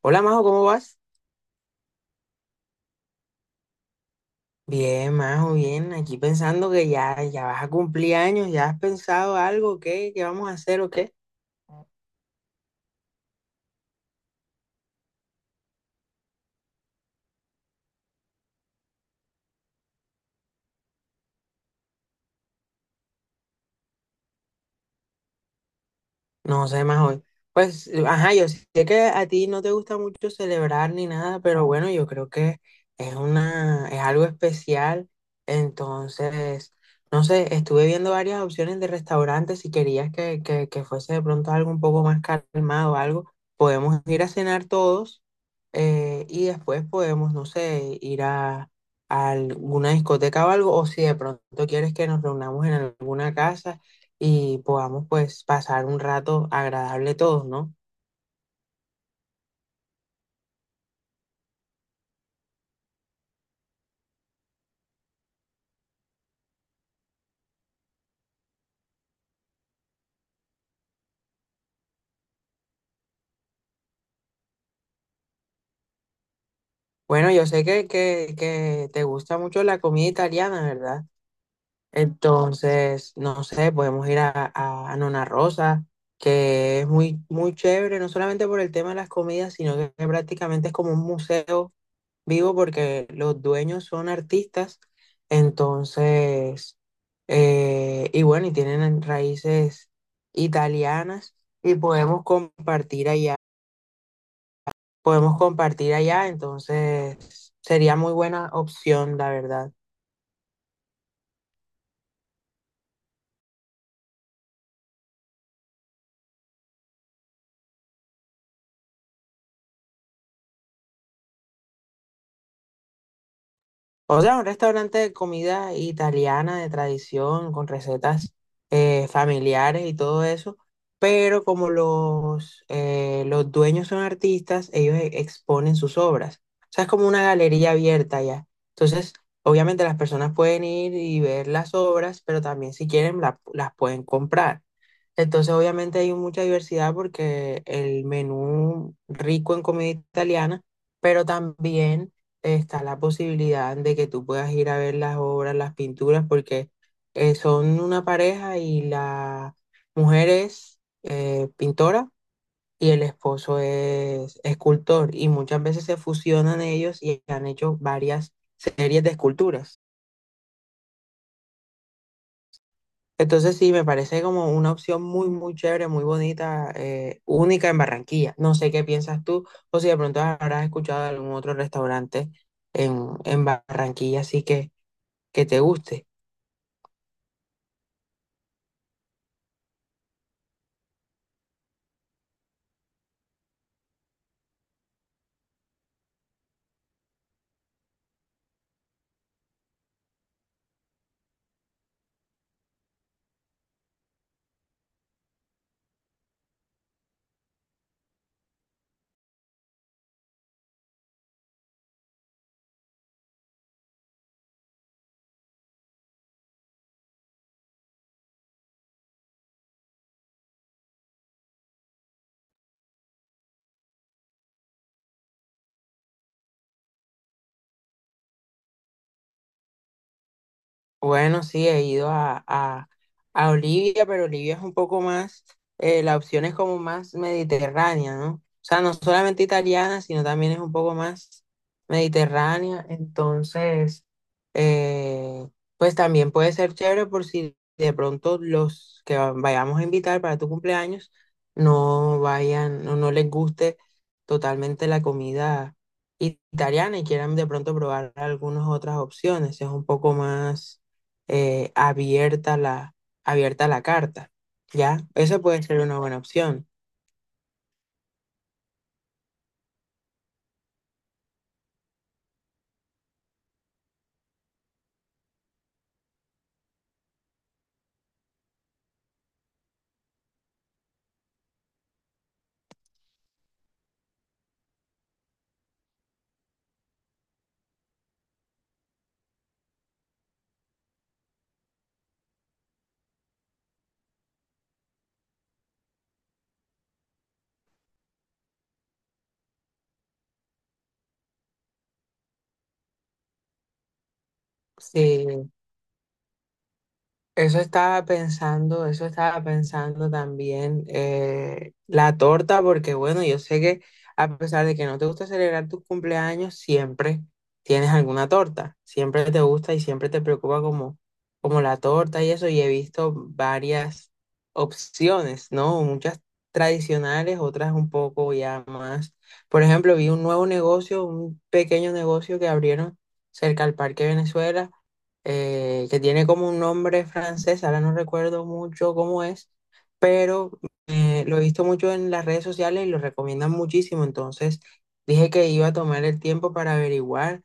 Hola Majo, ¿cómo vas? Bien, Majo, bien. Aquí pensando que ya vas a cumplir años, ¿ya has pensado algo? ¿Qué? ¿Qué vamos a hacer o qué? No sé más hoy. Pues, ajá, yo sé que a ti no te gusta mucho celebrar ni nada, pero bueno, yo creo que es algo especial. Entonces, no sé, estuve viendo varias opciones de restaurantes. Si querías que fuese de pronto algo un poco más calmado, algo, podemos ir a cenar todos y después podemos, no sé, a alguna discoteca o algo. O si de pronto quieres que nos reunamos en alguna casa y podamos pues pasar un rato agradable todos, ¿no? Bueno, yo sé que te gusta mucho la comida italiana, ¿verdad? Entonces, no sé, podemos ir a Nona Rosa, que es muy, muy chévere, no solamente por el tema de las comidas, sino que prácticamente es como un museo vivo porque los dueños son artistas. Entonces, y bueno, y tienen raíces italianas y podemos compartir allá, entonces sería muy buena opción, la verdad. O sea, un restaurante de comida italiana de tradición, con recetas familiares y todo eso, pero como los dueños son artistas, ellos exponen sus obras. O sea, es como una galería abierta ya. Entonces, obviamente las personas pueden ir y ver las obras, pero también si quieren las pueden comprar. Entonces, obviamente hay mucha diversidad porque el menú rico en comida italiana, pero también está la posibilidad de que tú puedas ir a ver las obras, las pinturas, porque son una pareja y la mujer es pintora y el esposo es escultor y muchas veces se fusionan ellos y han hecho varias series de esculturas. Entonces sí, me parece como una opción muy, muy chévere, muy bonita, única en Barranquilla. No sé qué piensas tú o si de pronto habrás escuchado de algún otro restaurante en Barranquilla, así que te guste. Bueno, sí, he a Olivia, pero Olivia es un poco más, la opción es como más mediterránea, ¿no? O sea, no solamente italiana, sino también es un poco más mediterránea. Entonces, eh, pues también puede ser chévere por si de pronto los que vayamos a invitar para tu cumpleaños no vayan, no les guste totalmente la comida italiana y quieran de pronto probar algunas otras opciones. Es un poco más eh, abierta la, abierta la carta, ¿ya? Esa puede ser una buena opción. Sí, eso estaba pensando, eso estaba pensando también. La torta, porque bueno, yo sé que a pesar de que no te gusta celebrar tus cumpleaños, siempre tienes alguna torta, siempre te gusta y siempre te preocupa como, como la torta y eso. Y he visto varias opciones, ¿no? Muchas tradicionales, otras un poco ya más. Por ejemplo, vi un nuevo negocio, un pequeño negocio que abrieron cerca al Parque Venezuela, que tiene como un nombre francés, ahora no recuerdo mucho cómo es, pero lo he visto mucho en las redes sociales y lo recomiendan muchísimo, entonces dije que iba a tomar el tiempo para averiguar.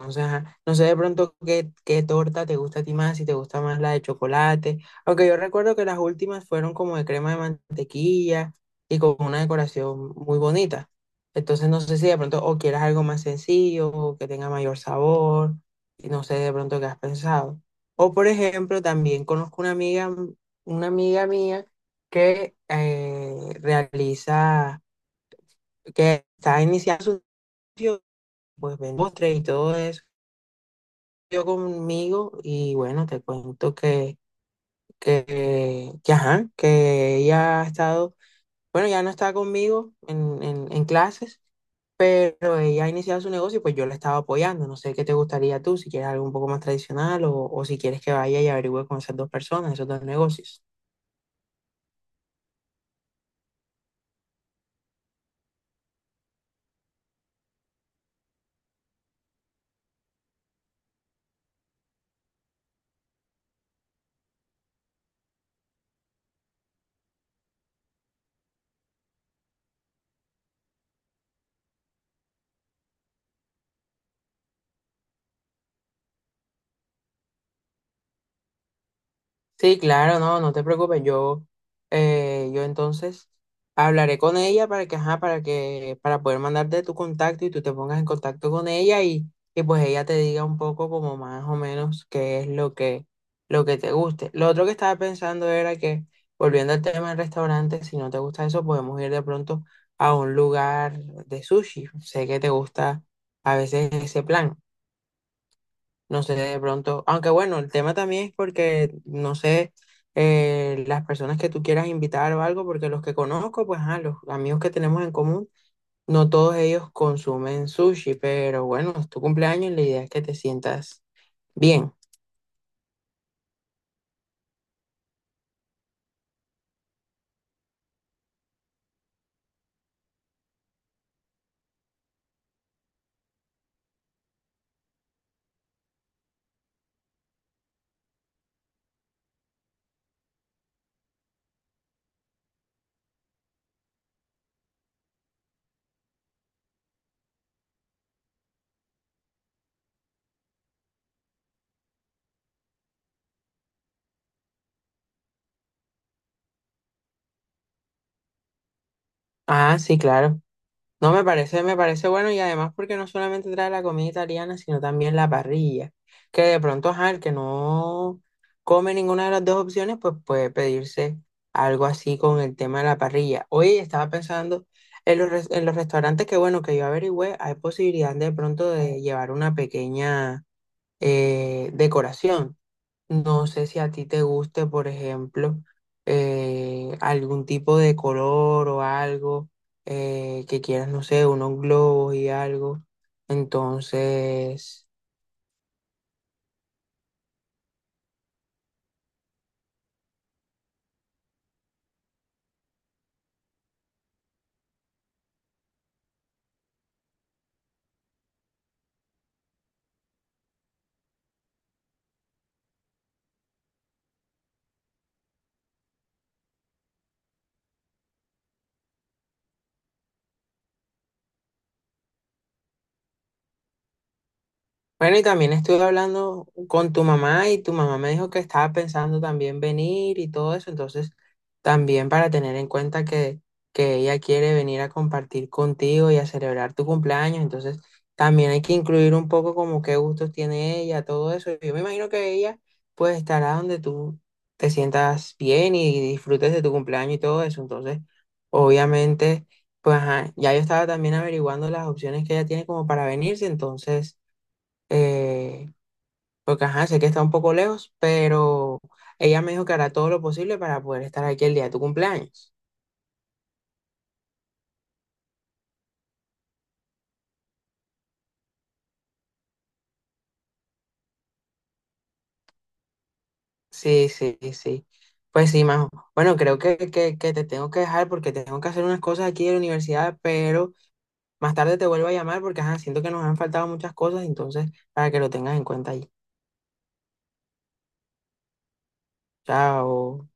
O sea, no sé de pronto qué torta te gusta a ti más, si te gusta más la de chocolate. Aunque yo recuerdo que las últimas fueron como de crema de mantequilla y con una decoración muy bonita. Entonces no sé si de pronto o quieras algo más sencillo, o que tenga mayor sabor, y no sé de pronto qué has pensado. O por ejemplo, también conozco una amiga mía que que está iniciando su negocio, pues vende postres y todo eso yo conmigo y bueno, te cuento ajá, que ella ha estado, bueno, ya no está conmigo en clases, pero ella ha iniciado su negocio y pues yo la estaba apoyando. No sé qué te gustaría tú, si quieres algo un poco más tradicional o si quieres que vaya y averigüe con esas dos personas, esos dos negocios. Sí, claro, no, no te preocupes. Yo, yo entonces hablaré con ella para que, para poder mandarte tu contacto y tú te pongas en contacto con ella y pues ella te diga un poco como más o menos qué es lo lo que te guste. Lo otro que estaba pensando era que, volviendo al tema del restaurante, si no te gusta eso, podemos ir de pronto a un lugar de sushi. Sé que te gusta a veces ese plan. No sé, de pronto, aunque bueno, el tema también es porque, no sé, las personas que tú quieras invitar o algo, porque los que conozco, pues, ah, los amigos que tenemos en común, no todos ellos consumen sushi, pero bueno, es tu cumpleaños, la idea es que te sientas bien. Ah, sí, claro. No, me parece bueno y además porque no solamente trae la comida italiana, sino también la parrilla, que de pronto, ajá, el que no come ninguna de las dos opciones, pues puede pedirse algo así con el tema de la parrilla. Hoy estaba pensando en en los restaurantes que, bueno, que yo averigüé, hay posibilidad de pronto de llevar una pequeña decoración. No sé si a ti te guste, por ejemplo, algún tipo de color o algo que quieras, no sé, unos globos y algo. Entonces... Bueno, y también estuve hablando con tu mamá y tu mamá me dijo que estaba pensando también venir y todo eso, entonces también para tener en cuenta que ella quiere venir a compartir contigo y a celebrar tu cumpleaños, entonces también hay que incluir un poco como qué gustos tiene ella, todo eso. Yo me imagino que ella pues estará donde tú te sientas bien y disfrutes de tu cumpleaños y todo eso, entonces obviamente pues ajá, ya yo estaba también averiguando las opciones que ella tiene como para venirse, entonces eh, porque ajá, sé que está un poco lejos, pero ella me dijo que hará todo lo posible para poder estar aquí el día de tu cumpleaños. Sí, sí, sí. Pues sí, Majo. Bueno, creo que te tengo que dejar porque tengo que hacer unas cosas aquí en la universidad, pero más tarde te vuelvo a llamar porque ajá, siento que nos han faltado muchas cosas, entonces para que lo tengas en cuenta ahí. Chao.